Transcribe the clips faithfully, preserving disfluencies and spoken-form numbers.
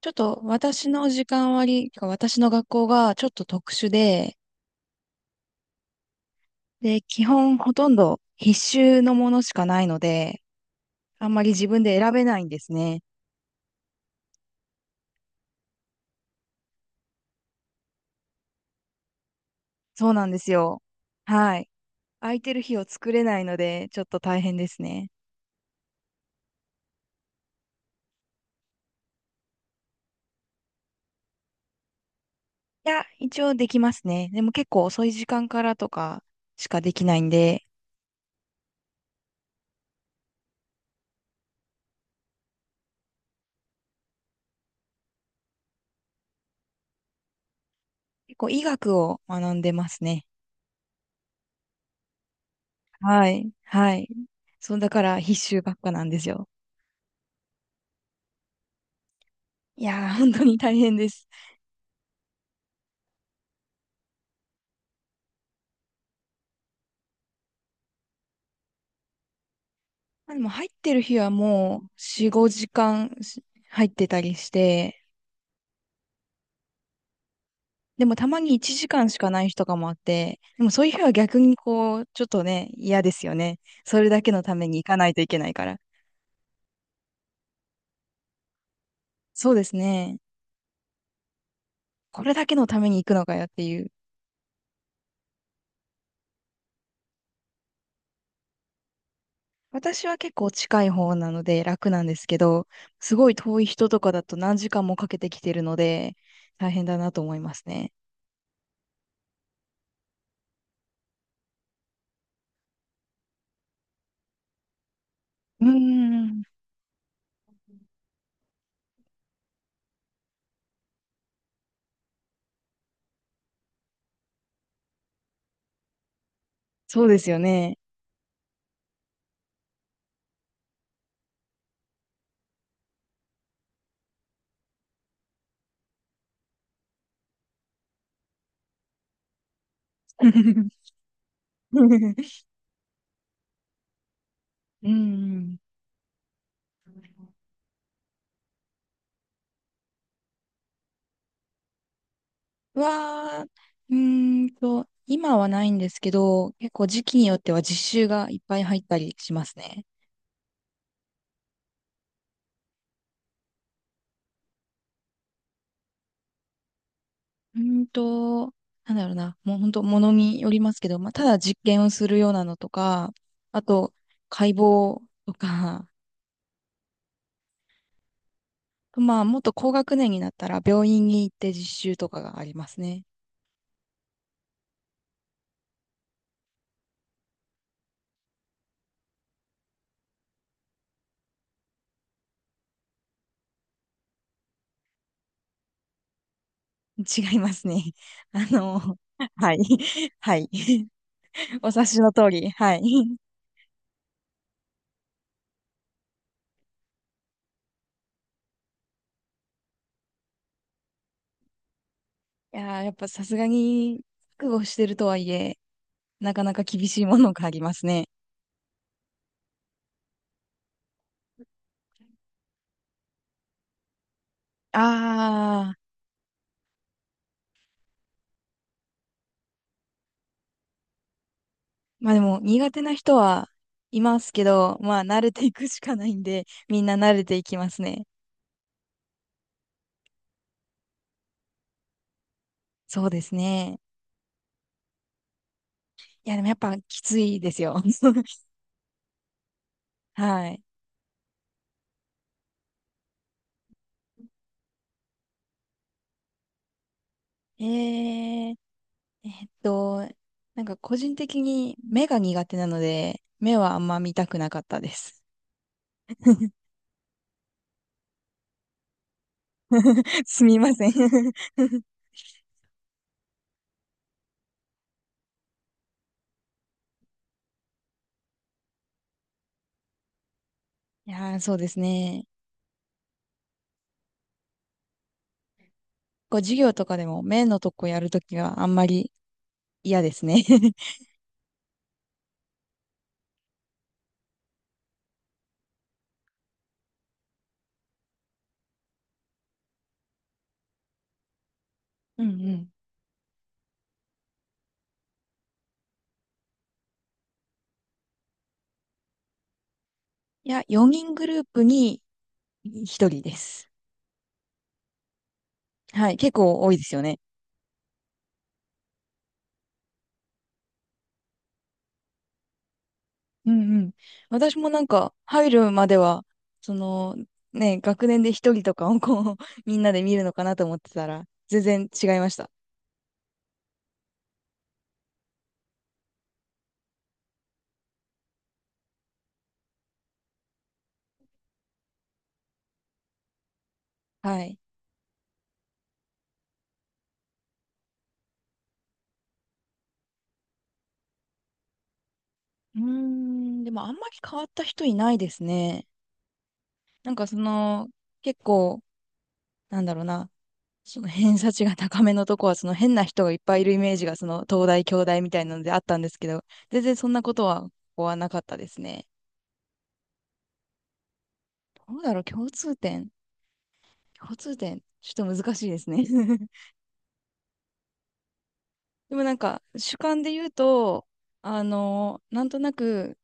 ちょっと私の時間割り、私の学校がちょっと特殊で、で、基本ほとんど必修のものしかないので、あんまり自分で選べないんですね。そうなんですよ。はい。空いてる日を作れないので、ちょっと大変ですね。いや、一応できますね。でも結構遅い時間からとかしかできないんで、結構医学を学んでますね。はい。はい。そう、だから必修ばっかなんですよ。いやー、本当に大変です。でも入ってる日はもうよん、ごじかんし入ってたりして、でもたまにいちじかんしかない日とかもあって、でもそういう日は逆にこう、ちょっとね、嫌ですよね。それだけのために行かないといけないから。そうですね。これだけのために行くのかよっていう。私は結構近い方なので楽なんですけど、すごい遠い人とかだと何時間もかけてきてるので、大変だなと思いますね。うーん、そうですよね。うん。は、うーんと、今はないんですけど、結構時期によっては実習がいっぱい入ったりしますね。うーんと、なんだろうな、もう本当、ものによりますけど、まあ、ただ実験をするようなのとか、あと、解剖とか、まあ、もっと高学年になったら病院に行って実習とかがありますね。違いますね。あの、はい。はい。お察しの通り。はい。いやー、やっぱさすがに、覚悟してるとはいえ、なかなか厳しいものがありますね。ああ、まあでも苦手な人はいますけど、まあ慣れていくしかないんで、みんな慣れていきますね。そうですね。いやでもやっぱきついですよ。はい。えー、えっと、なんか個人的に目が苦手なので、目はあんま見たくなかったです。すみません いやー、そうですね。こう授業とかでも目のとこやるときはあんまり嫌ですね うんうん。いや、よにんグループにひとりです。はい、結構多いですよね。うんうん。私もなんか入るまでは、そのね、学年でひとりとかをこう、みんなで見るのかなと思ってたら、全然違いました。はい。うーん、でもあんまり変わった人いないですね。なんかその、結構、なんだろうな、その偏差値が高めのとこは、その変な人がいっぱいいるイメージが、その東大、京大みたいなのであったんですけど、全然そんなことは、ここはなかったですね。どうだろう、共通点。共通点、ちょっと難しいですね。でもなんか、主観で言うと、あの、なんとなく、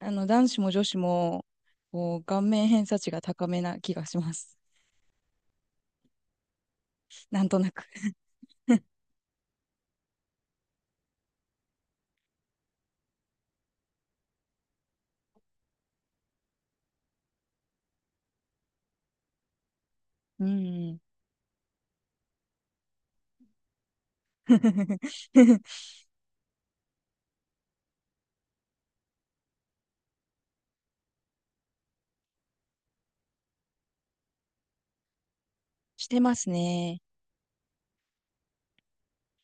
あの、男子も女子も、こう、顔面偏差値が高めな気がします。なんとなく。うん。してますね。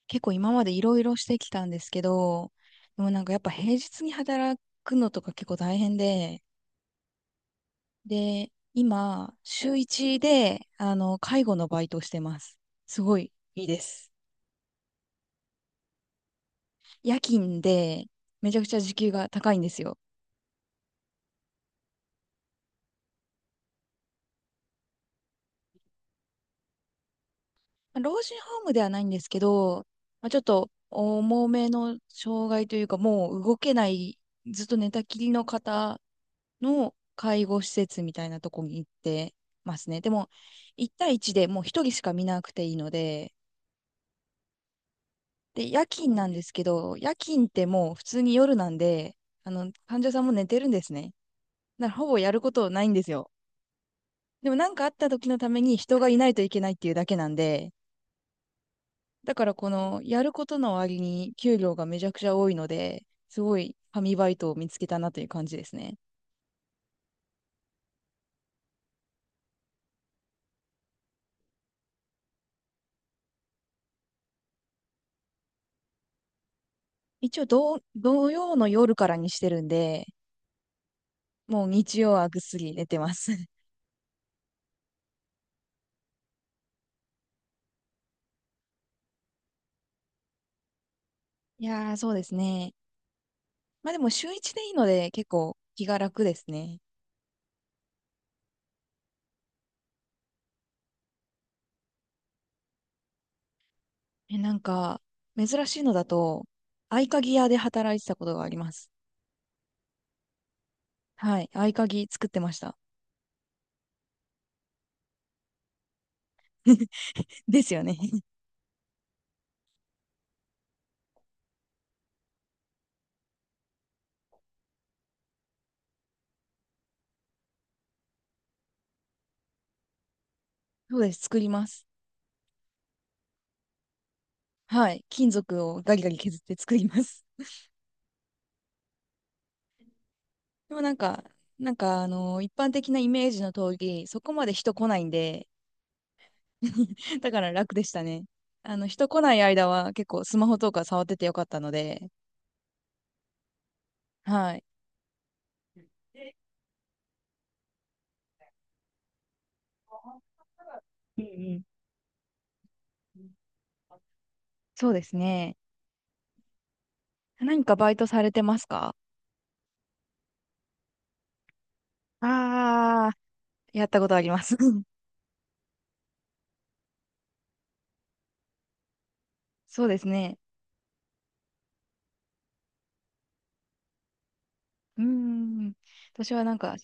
結構今までいろいろしてきたんですけど、でもなんかやっぱ平日に働くのとか結構大変で、で、今、週いちで、あの、介護のバイトをしてます。すごいいいです。夜勤で、めちゃくちゃ時給が高いんですよ。まあ老人ホームではないんですけど、まあ、ちょっと重めの障害というか、もう動けない、ずっと寝たきりの方の介護施設みたいなとこに行ってますね。でも、いち対いちでもうひとりしか見なくていいので、で、夜勤なんですけど、夜勤ってもう普通に夜なんで、あの、患者さんも寝てるんですね。だからほぼやることないんですよ。でもなんかあった時のために人がいないといけないっていうだけなんで、だからこのやることの割に給料がめちゃくちゃ多いので、すごい神バイトを見つけたなという感じですね。一応土、土曜の夜からにしてるんで、もう日曜はぐっすり寝てます。いやー、そうですね。まあでも週一でいいので結構気が楽ですね。え、なんか、珍しいのだと、合鍵屋で働いてたことがあります。はい。合鍵作ってました。ですよね。そうです。作ります。はい。金属をガリガリ削って作ります。でもなんか、なんか、あの一般的なイメージの通り、そこまで人来ないんで、だから楽でしたね。あの、人来ない間は結構スマホとか触っててよかったので、はい。うんうん。そうですね。何かバイトされてますか？ああー、やったことあります。そうですね。うーん。私はなんか、